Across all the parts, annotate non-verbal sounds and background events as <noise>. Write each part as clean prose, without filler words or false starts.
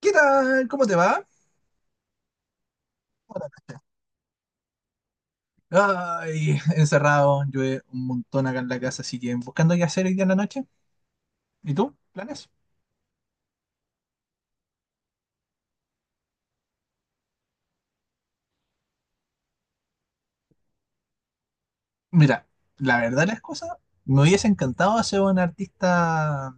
¿Qué tal? ¿Cómo te va? Ay, encerrado, llueve un montón acá en la casa, así que buscando qué hacer hoy día en la noche. ¿Y tú? ¿Planes? Mira, la verdad las cosas, me hubiese encantado ser un artista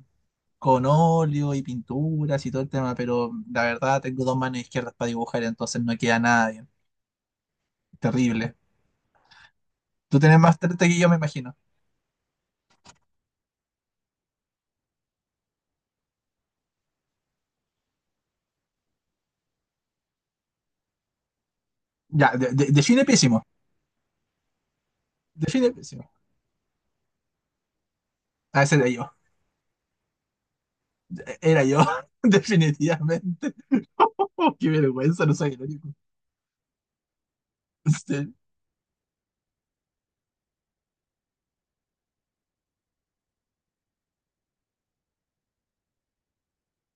con óleo y pinturas y todo el tema, pero la verdad tengo dos manos izquierdas para dibujar, entonces no queda nada bien. Terrible. Tú tenés más talento que yo, me imagino. Ya, define pésimo. Define pésimo. Ah, ese era yo. Era yo, <laughs> definitivamente. Oh, qué vergüenza, no soy el único.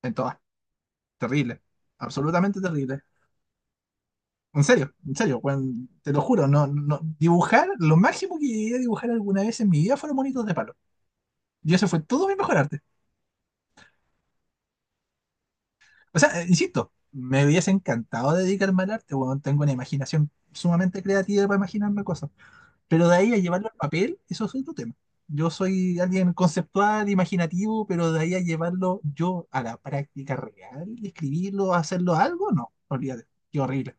En todas. Terrible. Absolutamente terrible. En serio, weón, te lo juro, no, no, dibujar, lo máximo que llegué a dibujar alguna vez en mi vida fueron monitos de palo. Y eso fue todo mi mejor arte. O sea, insisto, me hubiese encantado dedicarme al arte, weón, tengo una imaginación sumamente creativa para imaginarme cosas. Pero de ahí a llevarlo al papel, eso es otro tema. Yo soy alguien conceptual, imaginativo, pero de ahí a llevarlo yo a la práctica real, escribirlo, hacerlo algo, no, olvídate, qué horrible.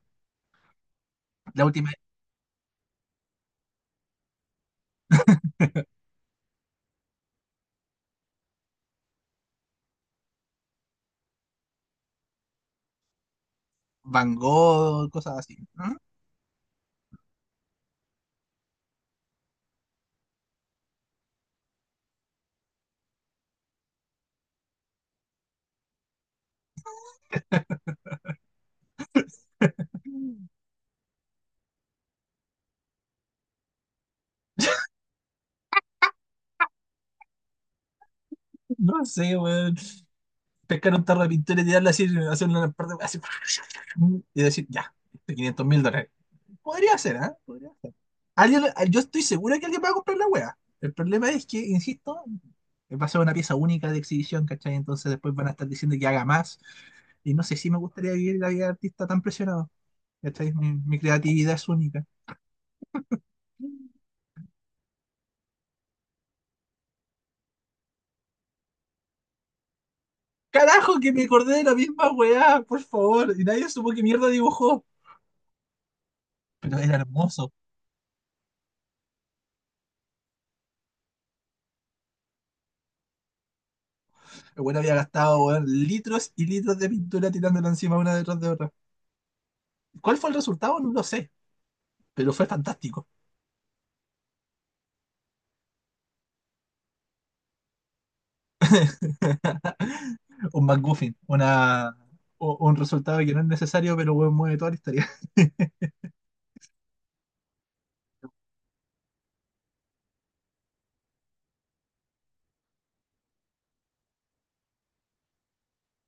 La última Van Gogh, cosas así. Mm, No sé, weón. Pescar un tarro de pintura y tirarla así, hacerle una parte así, y decir, ya, este $500.000. Podría ser, ¿eh? Podría ser. Alguien, yo estoy segura que alguien va a comprar la wea. El problema es que, insisto, va a ser una pieza única de exhibición, ¿cachai? Entonces después van a estar diciendo que haga más. Y no sé si me gustaría vivir la vida de artista tan presionado. ¿Cachai? Mi creatividad es única. Carajo, que me acordé de la misma weá, por favor. Y nadie supo qué mierda dibujó. Pero era hermoso. El bueno había gastado, weón, litros y litros de pintura tirándola encima una detrás de otra. ¿Cuál fue el resultado? No lo sé, pero fue fantástico. <laughs> Un McGuffin, una, un resultado que no es necesario, pero weón mueve toda la historia. <laughs>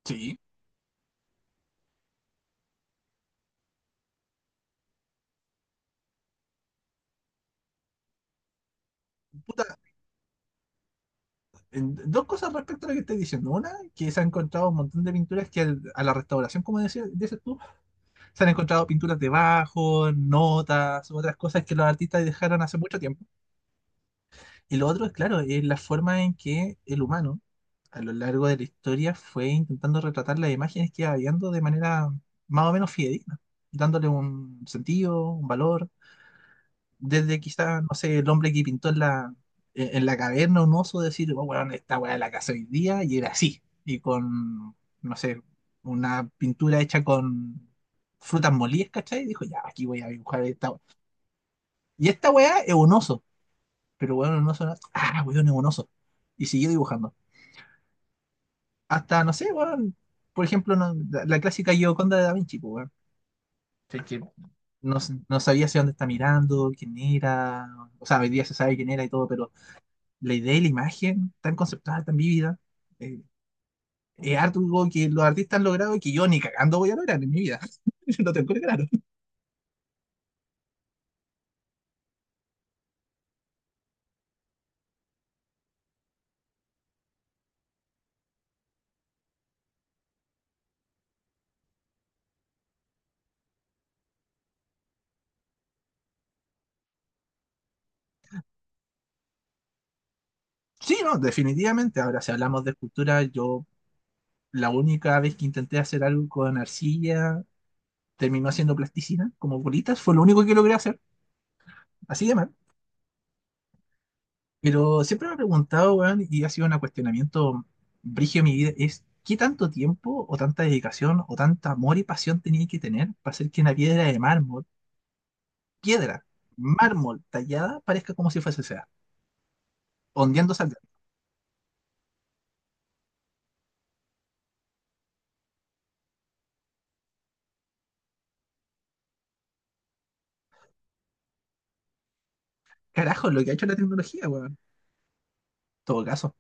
Sí. Puta, dos cosas respecto a lo que estoy diciendo. Una, que se han encontrado un montón de pinturas que a la restauración, como dices tú, se han encontrado pinturas debajo, notas, otras cosas que los artistas dejaron hace mucho tiempo. Y lo otro, claro, es la forma en que el humano, a lo largo de la historia, fue intentando retratar las imágenes que iba viendo de manera más o menos fidedigna, dándole un sentido, un valor. Desde quizá, no sé, el hombre que pintó en la caverna un oso, decir, oh, bueno, esta weá la casa hoy día, y era así. Y con, no sé, una pintura hecha con frutas molidas, ¿cachai? Dijo, ya, aquí voy a dibujar esta weá. Y esta weá es un oso. Pero bueno, un oso, weón, es un oso. Y siguió dibujando. Hasta, no sé, weón, por ejemplo, la clásica Gioconda de Da Vinci, pues, weón. No, no sabía hacia dónde está mirando, quién era, o sea, hoy día se sabe quién era y todo, pero la idea y la imagen tan conceptual, tan vívida, eh, es algo que los artistas han logrado y que yo ni cagando voy a lograr en mi vida. <laughs> No tengo claro. Sí, no, definitivamente. Ahora, si hablamos de escultura, yo la única vez que intenté hacer algo con arcilla terminó haciendo plasticina, como bolitas, fue lo único que logré hacer. Así de mal. Pero siempre me he preguntado, weón, y ha sido un cuestionamiento brígido en mi vida, es qué tanto tiempo o tanta dedicación o tanto amor y pasión tenía que tener para hacer que una piedra de mármol, piedra, mármol tallada, parezca como si fuese sea, hundiéndose al carajo lo que ha hecho la tecnología, weón. En todo caso.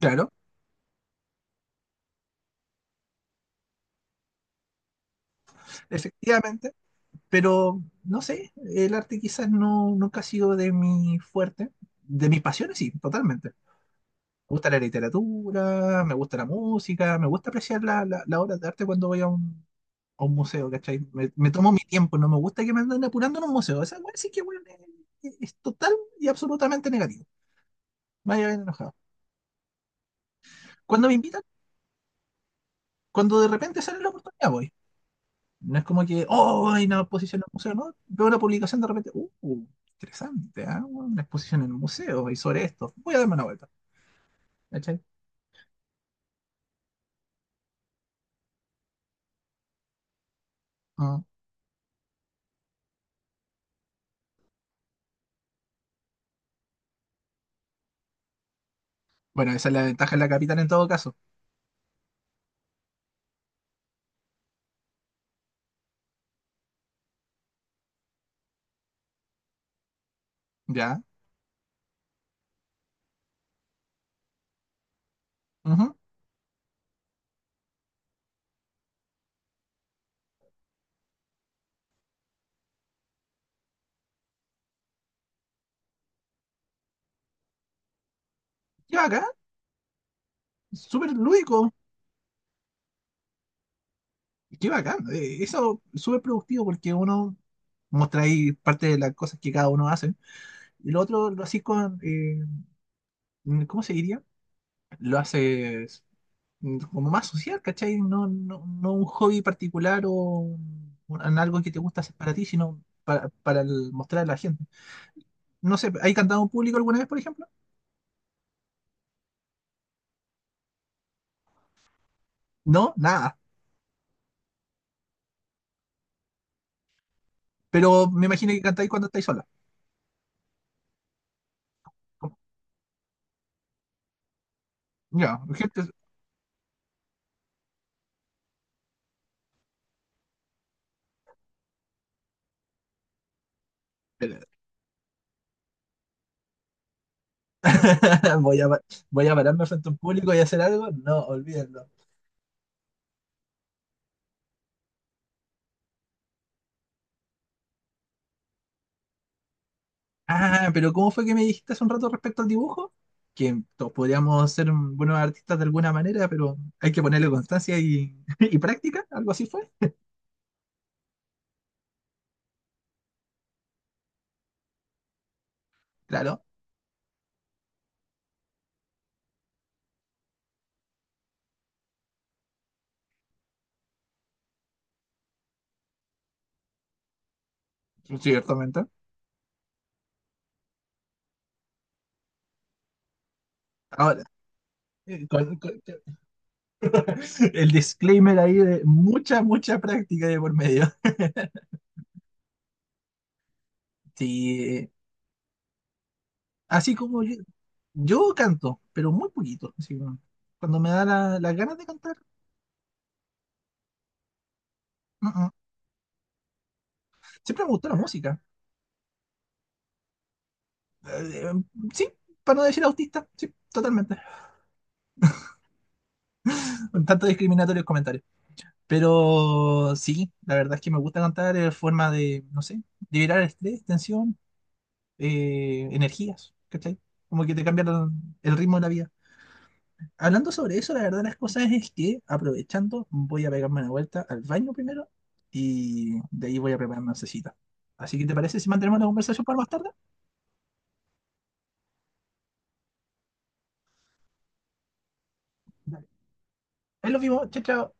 Claro, efectivamente. Pero no sé, el arte quizás no, nunca ha sido de mi fuerte, de mis pasiones, sí, totalmente me gusta la literatura, me gusta la música, me gusta apreciar la obra de arte cuando voy a un museo, ¿cachai? Me tomo mi tiempo, no me gusta que me anden apurando en un museo. Esa weá sí que weón, es total y absolutamente negativo. Vaya bien enojado. Cuando me invitan, cuando de repente sale la oportunidad, voy. No es como que, oh, hay una exposición en el museo, ¿no? Veo una publicación de repente, interesante, ¿ah? Weón, una exposición en el museo y sobre esto. Voy a darme una vuelta, ¿cachai? Ah. Bueno, esa es la ventaja de la capital en todo caso. Ya. Ujú. Yo acá súper lúdico, qué bacán. Eso es súper productivo porque uno muestra ahí parte de las cosas que cada uno hace. Y lo otro lo haces con, ¿cómo se diría? Lo haces como más social, ¿cachai? No un hobby particular o en algo que te gusta hacer para ti, sino para, mostrar a la gente. No sé, ¿hay cantado en público alguna vez, por ejemplo? No, nada. Pero me imagino que cantáis cuando estáis sola. Como, ya, gente, <laughs> Voy a, pa- voy a pararme frente a un público y hacer algo. No, olvídenlo. Ah, pero ¿cómo fue que me dijiste hace un rato respecto al dibujo? Que podríamos ser buenos artistas de alguna manera, pero hay que ponerle constancia y, <laughs> y práctica. Algo así fue. Claro, ciertamente. Ahora, eh, con- con- <laughs> el disclaimer ahí de mucha, mucha práctica de por medio. Sí, así como yo canto, pero muy poquito. Así como cuando me da las ganas de cantar. mm, mm. Siempre me gustó la música. eh, sí, para no decir autista, sí, totalmente. Con tanto discriminatorio el comentario. Pero sí, la verdad es que me gusta cantar en forma de, no sé, liberar estrés, tensión, energías, ¿cachai? Como que te cambia el ritmo de la vida. Hablando sobre eso, la verdad de las cosas es que, aprovechando, voy a pegarme una vuelta al baño primero y de ahí voy a preparar una cita. Así que, ¿te parece si mantenemos la conversación para más tarde? Dale. Ahí los vimos, chao, chao.